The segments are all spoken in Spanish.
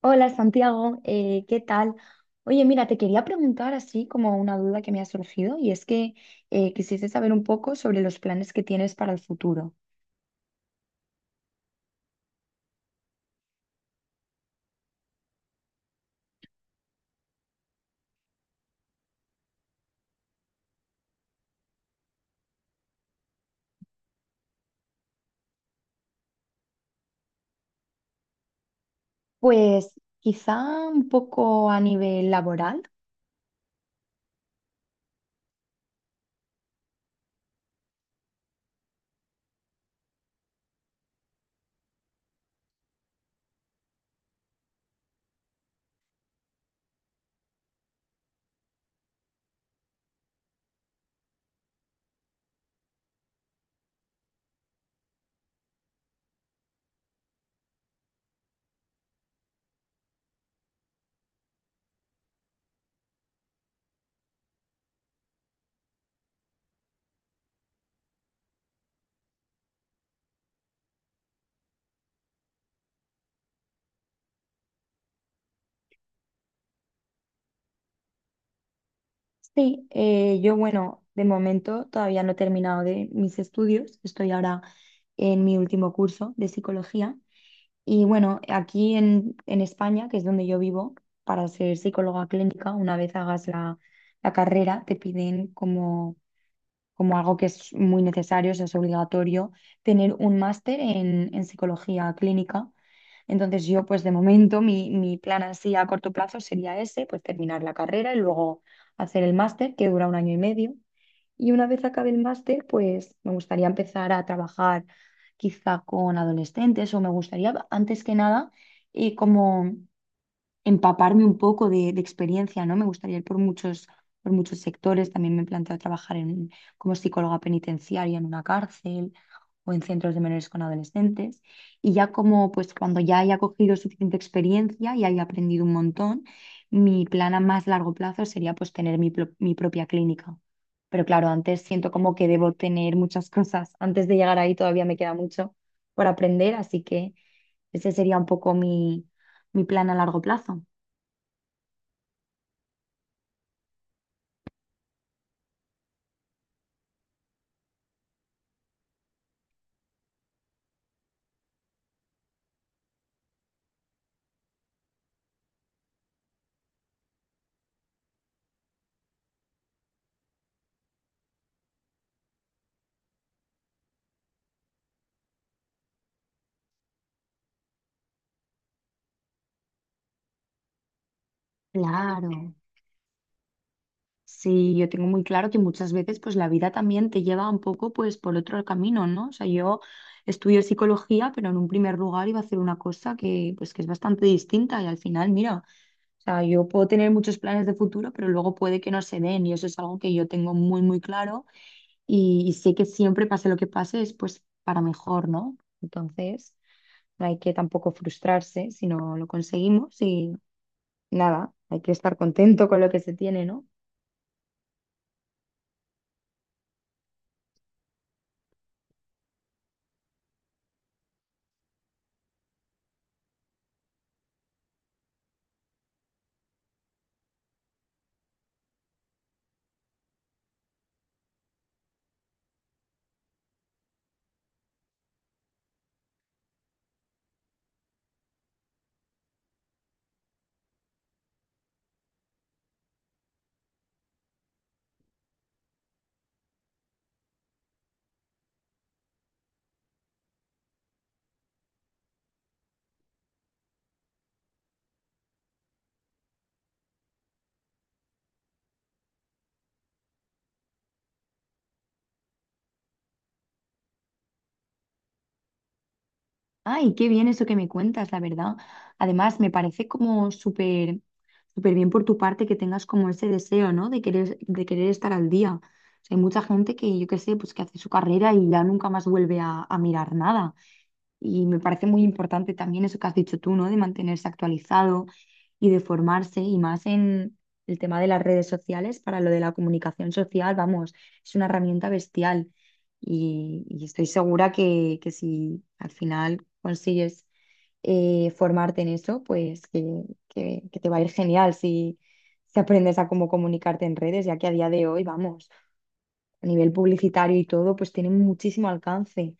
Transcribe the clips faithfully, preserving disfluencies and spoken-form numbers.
Hola Santiago, eh, ¿qué tal? Oye, mira, te quería preguntar así como una duda que me ha surgido y es que eh, quisiese saber un poco sobre los planes que tienes para el futuro. Pues quizá un poco a nivel laboral. Sí, eh, yo bueno, de momento todavía no he terminado de mis estudios, estoy ahora en mi último curso de psicología. Y bueno, aquí en, en España, que es donde yo vivo, para ser psicóloga clínica, una vez hagas la, la carrera, te piden como, como algo que es muy necesario, o sea, es obligatorio, tener un máster en, en psicología clínica. Entonces yo, pues de momento, mi, mi plan así a corto plazo sería ese, pues terminar la carrera y luego hacer el máster, que dura un año y medio. Y una vez acabe el máster, pues me gustaría empezar a trabajar quizá con adolescentes o me gustaría, antes que nada, y como empaparme un poco de, de experiencia, ¿no? Me gustaría ir por muchos, por muchos sectores. También me he planteado trabajar en, como psicóloga penitenciaria en una cárcel o en centros de menores con adolescentes. Y ya como, pues cuando ya haya cogido suficiente experiencia y haya aprendido un montón, mi plan a más largo plazo sería pues tener mi, pro- mi propia clínica. Pero claro, antes siento como que debo tener muchas cosas. Antes de llegar ahí todavía me queda mucho por aprender, así que ese sería un poco mi, mi plan a largo plazo. Claro, sí, yo tengo muy claro que muchas veces pues la vida también te lleva un poco pues por otro camino, ¿no? O sea, yo estudio psicología, pero en un primer lugar iba a hacer una cosa que pues que es bastante distinta y al final, mira, o sea, yo puedo tener muchos planes de futuro, pero luego puede que no se den y eso es algo que yo tengo muy muy claro y, y sé que siempre pase lo que pase es pues para mejor, ¿no? Entonces, no hay que tampoco frustrarse si no lo conseguimos y nada, hay que estar contento con lo que se tiene, ¿no? Ay, qué bien eso que me cuentas, la verdad. Además, me parece como súper, súper bien por tu parte que tengas como ese deseo, ¿no? De querer, de querer estar al día. O sea, hay mucha gente que, yo qué sé, pues que hace su carrera y ya nunca más vuelve a, a mirar nada. Y me parece muy importante también eso que has dicho tú, ¿no? De mantenerse actualizado y de formarse y más en el tema de las redes sociales para lo de la comunicación social, vamos, es una herramienta bestial y, y estoy segura que, que si al final consigues eh, formarte en eso, pues que, que- que te va a ir genial si, si aprendes a cómo comunicarte en redes, ya que a día de hoy, vamos, a nivel publicitario y todo, pues tiene muchísimo alcance.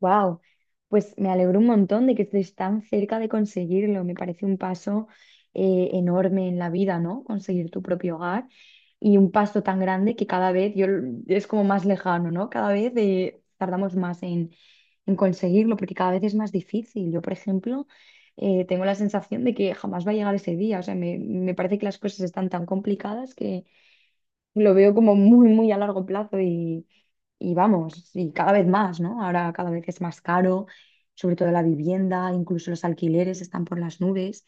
Wow, pues me alegro un montón de que estés tan cerca de conseguirlo. Me parece un paso eh, enorme en la vida, ¿no? Conseguir tu propio hogar y un paso tan grande que cada vez yo, l- es como más lejano, ¿no? Cada vez eh, tardamos más en, en conseguirlo porque cada vez es más difícil. Yo, por ejemplo, eh, tengo la sensación de que jamás va a llegar ese día. O sea, me, me parece que las cosas están tan complicadas, lo veo como muy, muy a largo plazo y, y vamos, y cada vez más, ¿no? Ahora cada vez es más caro, sobre todo la vivienda, incluso los alquileres están por las nubes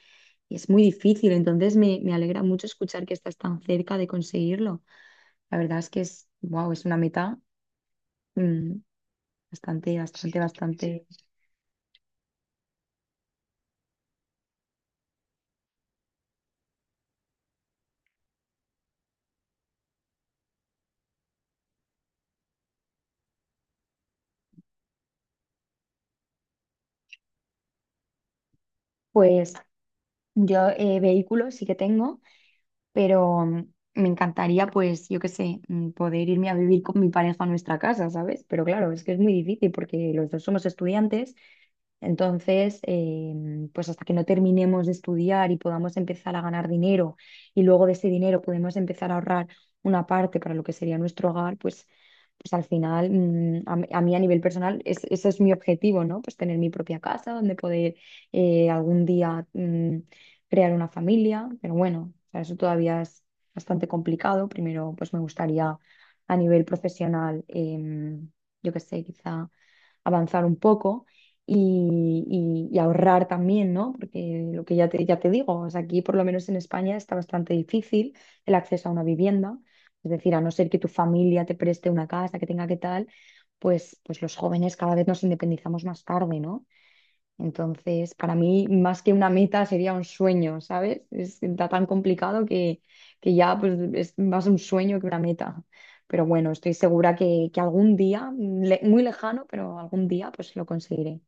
y es muy difícil. Entonces me, me alegra mucho escuchar que estás tan cerca de conseguirlo. La verdad es que es, wow, es una meta mm, bastante, bastante, bastante. Pues yo eh, vehículo sí que tengo. Pero mm, me encantaría, pues, yo qué sé, mm, poder irme a vivir con mi pareja a nuestra casa, ¿sabes? Pero claro, es que es muy difícil porque los dos somos estudiantes, entonces, em, pues hasta que no terminemos de estudiar y podamos empezar a ganar dinero y luego de ese dinero podemos empezar a ahorrar una parte para lo que sería nuestro hogar, pues... Pues al final, mm, a, mí a mí a nivel personal, es- ese es mi objetivo, ¿no? Pues tener mi propia casa donde poder eh, algún día mm, crear una familia, pero bueno, o sea, eso todavía es bastante complicado. Primero, pues me gustaría a nivel profesional, em, yo qué sé, quizá avanzar un poco y, y- y ahorrar también, ¿no? Porque lo que ya te, ya te digo, o sea, aquí por lo menos en España está bastante difícil el acceso a una vivienda. Es decir, a no ser que tu familia te preste una casa, que tenga que tal, pues, pues los jóvenes cada vez nos independizamos más tarde, ¿no? Entonces, para mí, más que una meta, sería un sueño, ¿sabes? Es está tan complicado que, que ya pues, es más un sueño que una meta. Pero bueno, estoy segura que, que algún día, le- muy lejano, pero algún día pues lo conseguiré.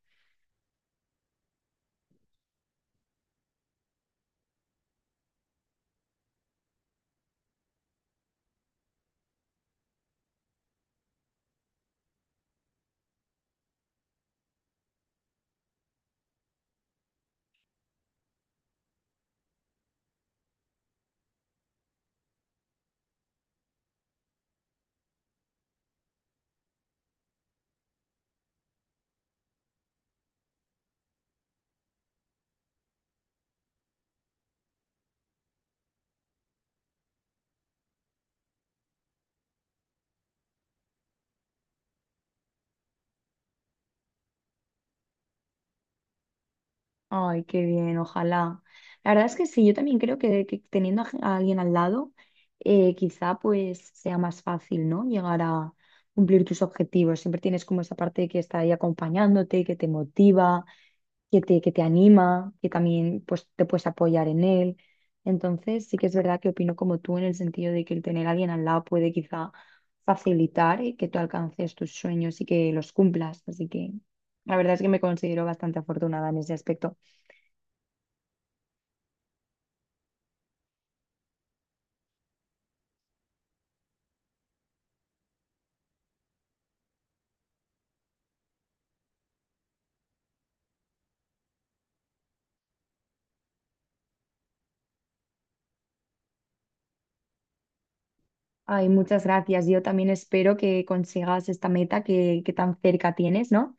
Ay, qué bien, ojalá. La verdad es que sí, yo también creo que, que teniendo a, gen- a alguien al lado, eh, quizá pues sea más fácil, ¿no? Llegar a cumplir tus objetivos. Siempre tienes como esa parte que está ahí acompañándote, que te motiva, que te, que te anima, que también pues, te puedes apoyar en él. Entonces, sí que es verdad que opino como tú en el sentido de que el tener a alguien al lado puede quizá facilitar eh, que tú alcances tus sueños y que los cumplas. Así que la verdad es que me considero bastante afortunada en ese aspecto. Ay, muchas gracias. Yo también espero que consigas esta meta que, que tan cerca tienes, ¿no?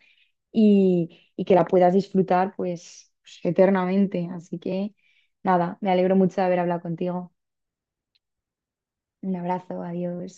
Y, y que la puedas disfrutar pues pues, eternamente. Así que nada, me alegro mucho de haber hablado contigo. Un abrazo, adiós.